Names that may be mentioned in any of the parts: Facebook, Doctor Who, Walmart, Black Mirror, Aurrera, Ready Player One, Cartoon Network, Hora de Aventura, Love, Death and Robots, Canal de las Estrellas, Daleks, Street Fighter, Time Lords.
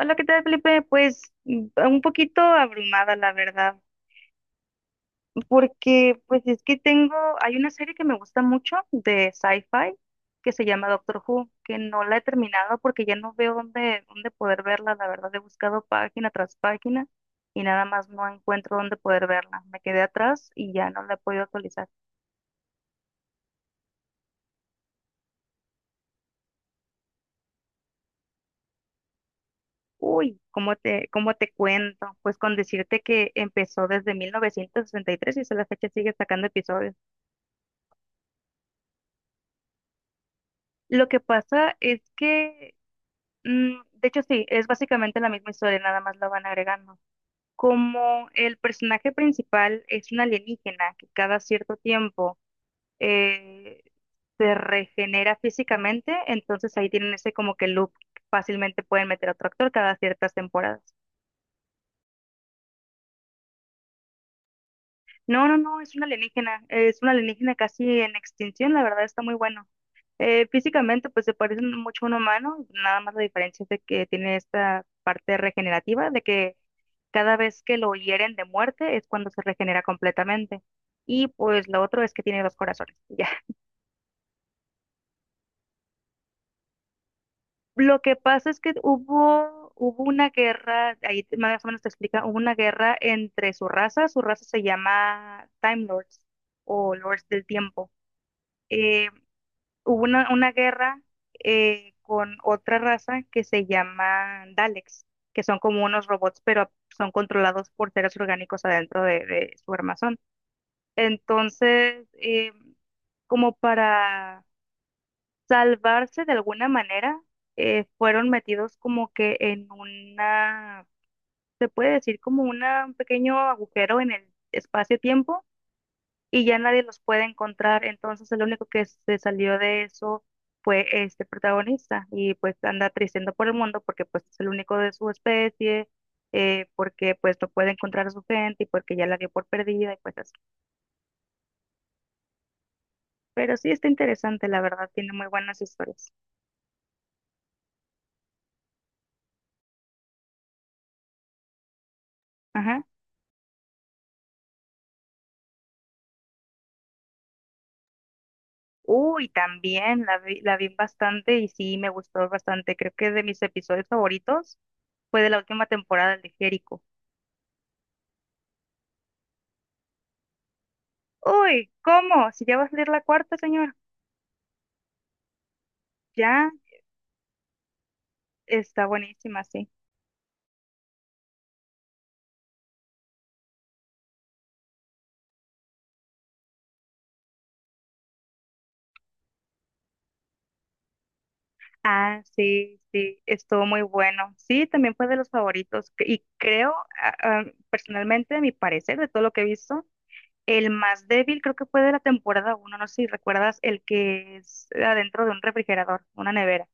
Hola, ¿qué tal, Felipe? Pues un poquito abrumada, la verdad, porque pues es que hay una serie que me gusta mucho de sci-fi que se llama Doctor Who, que no la he terminado porque ya no veo dónde poder verla, la verdad, he buscado página tras página y nada más no encuentro dónde poder verla. Me quedé atrás y ya no la he podido actualizar. Uy, ¿cómo te cuento? Pues con decirte que empezó desde 1963 y tres y hasta la fecha sigue sacando episodios. Lo que pasa es que de hecho, sí, es básicamente la misma historia, nada más la van agregando. Como el personaje principal es un alienígena que cada cierto tiempo eh, se regenera físicamente, entonces ahí tienen ese como que loop, fácilmente pueden meter a otro actor cada ciertas temporadas. No, no, no, es una alienígena casi en extinción, la verdad está muy bueno. Físicamente, pues se parece mucho a un humano, nada más la diferencia es de que tiene esta parte regenerativa, de que cada vez que lo hieren de muerte es cuando se regenera completamente. Y pues lo otro es que tiene dos corazones, ya. Lo que pasa es que hubo una guerra, ahí más o menos te explica, hubo una guerra entre su raza se llama Time Lords o Lords del Tiempo. Eh, hubo una guerra con otra raza que se llama Daleks, que son como unos robots, pero son controlados por seres orgánicos adentro de su armazón. Entonces, como para salvarse de alguna manera, fueron metidos como que en se puede decir como un pequeño agujero en el espacio-tiempo y ya nadie los puede encontrar. Entonces el único que se salió de eso fue este protagonista y pues anda tristendo por el mundo porque pues es el único de su especie, porque pues no puede encontrar a su gente y porque ya la dio por perdida y pues así. Pero sí está interesante, la verdad, tiene muy buenas historias. Ajá. Uy, también la vi bastante y sí me gustó bastante. Creo que de mis episodios favoritos fue de la última temporada el de Jericho. Uy, ¿cómo? Si ya va a salir la cuarta, señor. Ya. Está buenísima, sí. Ah, sí, sí, estuvo muy bueno. Sí, también fue de los favoritos. Y creo, a- a- personalmente, a mi parecer, de todo lo que he visto, el más débil creo que fue de la temporada uno. No sé si recuerdas el que es adentro de un refrigerador, una nevera.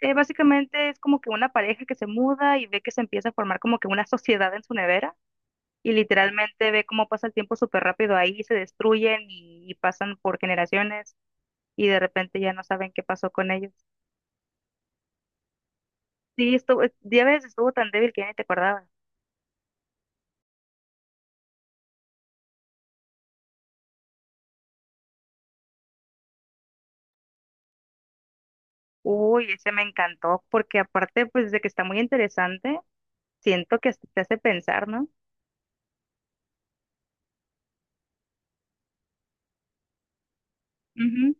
Básicamente es como que una pareja que se muda y ve que se empieza a formar como que una sociedad en su nevera y literalmente ve cómo pasa el tiempo súper rápido ahí, se destruyen y pasan por generaciones y de repente ya no saben qué pasó con ellos. Sí, estuvo, ya ves, estuvo tan débil que ya ni te acordabas. Uy, ese me encantó, porque aparte, pues, de que está muy interesante, siento que hasta te hace pensar, ¿no? Ujú.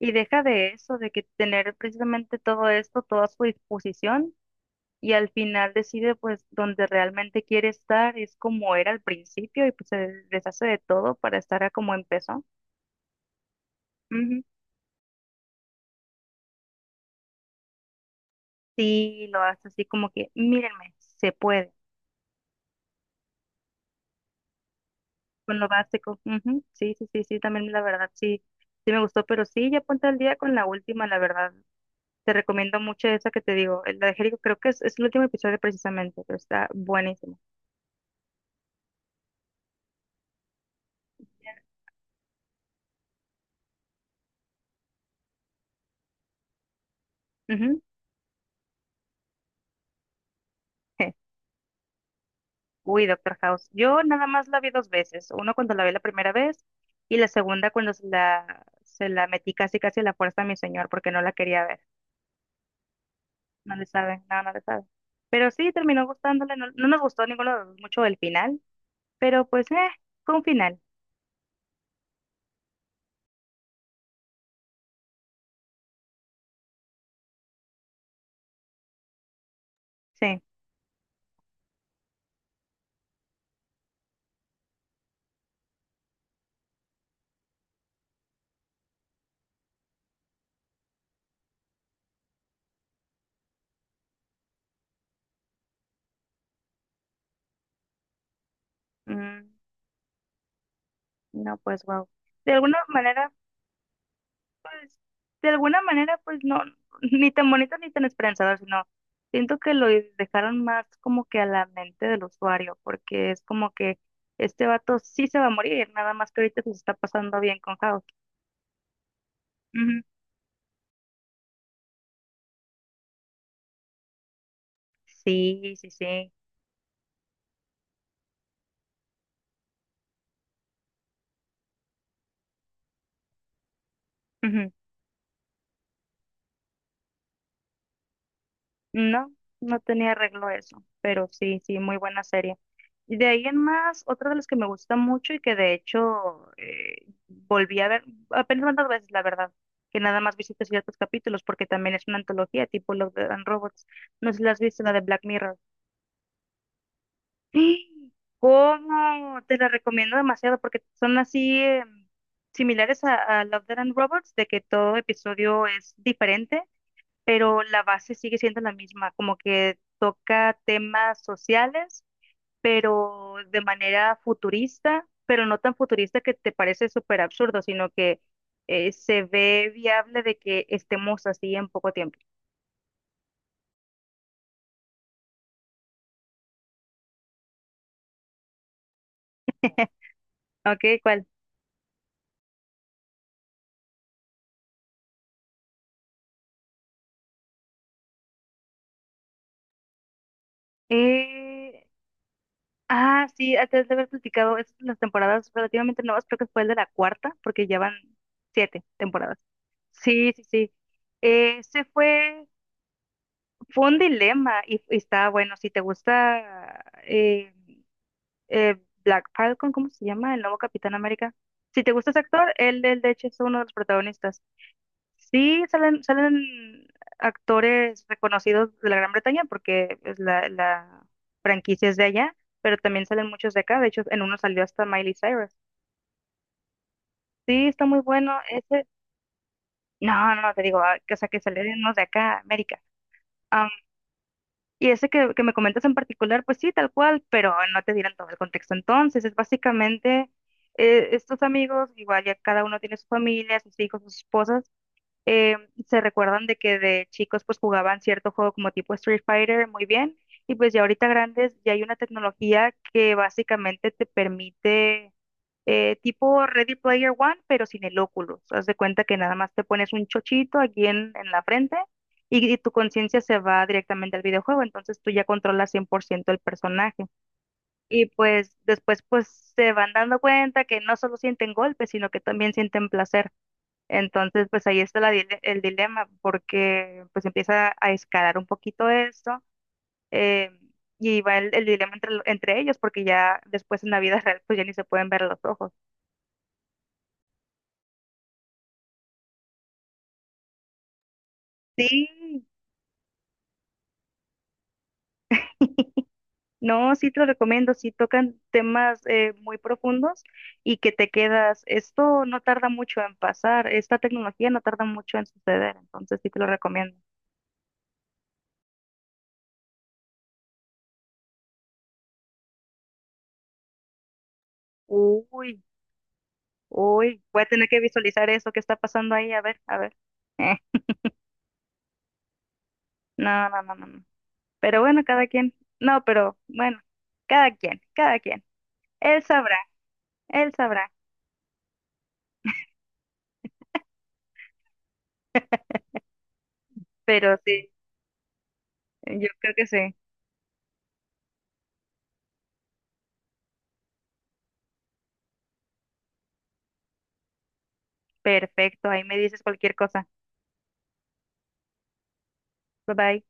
Y deja de eso, de que tener precisamente todo esto, toda su disposición, y al final decide, pues, donde realmente quiere estar, es como era al principio, y pues se deshace de todo para estar a como empezó. Ujú. Sí, lo hace así como que, mírenme, se puede. Con lo básico. Ujú. Sí, sí, sí, sí, también la verdad, sí, sí me gustó, pero sí, ya ponte al día con la última, la verdad. Te recomiendo mucho esa que te digo, la de Jericho, creo que es el último episodio precisamente, pero está buenísimo. Ujú. Uy, Doctor House. Yo nada más la vi dos veces. Uno cuando la vi la primera vez y la segunda cuando se la metí casi casi a la fuerza a mi señor porque no la quería ver. No le sabe, no, no le sabe. Pero sí, terminó gustándole. No, no nos gustó ninguno de los dos mucho el final, pero pues, fue un final. Sí. Mm, no, pues wow. De alguna manera, pues, de alguna manera, pues no, ni tan bonito ni tan esperanzador, sino siento que lo dejaron más como que a la mente del usuario, porque es como que este vato sí se va a morir, nada más que ahorita se está pasando bien con House. Ujú. Sí, sí, sí. Ujú. No, no tenía arreglo eso, pero sí, sí, muy buena serie. Y de ahí en más, otra de las que me gusta mucho y que de hecho volví a ver apenas tantas veces, la verdad, que nada más visité ciertos capítulos porque también es una antología tipo Love, Death and Robots. No sé si la has visto, la de Black Mirror. ¡Ah! ¿Cómo? Te la recomiendo demasiado porque son así similares a Love, Death and Robots, de que todo episodio es diferente pero la base sigue siendo la misma, como que toca temas sociales, pero de manera futurista, pero no tan futurista que te parece súper absurdo, sino que se ve viable de que estemos así en poco tiempo. Ok, ¿cuál? Eh, ah, sí, antes de haber platicado, es las temporadas relativamente nuevas, creo que fue el de la cuarta, porque ya van siete temporadas. Sí, sí, sí. Ese fue un dilema y está bueno. Si te gusta eh, Black Falcon, ¿cómo se llama? El nuevo Capitán América. Si te gusta ese actor, él de hecho es uno de los protagonistas. Sí salen, salen actores reconocidos de la Gran Bretaña porque pues, la franquicia es de allá, pero también salen muchos de acá. De hecho, en uno salió hasta Miley Cyrus. Sí, está muy bueno. Ese, no, no, te digo, ah, o sea, que salieron unos de acá, América. Y ese que me comentas en particular, pues sí, tal cual, pero no te dieron todo el contexto. Entonces, es básicamente estos amigos, igual ya cada uno tiene su familia, sus hijos, sus esposas, eh, se recuerdan de que de chicos pues jugaban cierto juego como tipo Street Fighter muy bien, y pues ya ahorita grandes ya hay una tecnología que básicamente te permite tipo Ready Player One, pero sin el óculos. Haz de cuenta que nada más te pones un chochito aquí en la frente y tu conciencia se va directamente al videojuego, entonces tú ya controlas 100% el personaje. Y pues después pues se van dando cuenta que no solo sienten golpes, sino que también sienten placer. Entonces pues ahí está el dilema, porque pues empieza a escalar un poquito esto. eh, y va el dilema entre, entre ellos, porque ya después en la vida real, pues ya ni se pueden ver los ojos. Sí, no, sí te lo recomiendo, sí tocan temas muy profundos y que te quedas, esto no tarda mucho en pasar, esta tecnología no tarda mucho en suceder, entonces sí te lo recomiendo. Uy, uy, voy a tener que visualizar eso que está pasando ahí, a ver, a ver. Eh, no, no, no, no, no. Pero bueno, cada quien, no, pero bueno, cada quien, cada quien. Él sabrá, él sabrá, pero sí, yo creo que sí. Perfecto, ahí me dices cualquier cosa. Bye bye.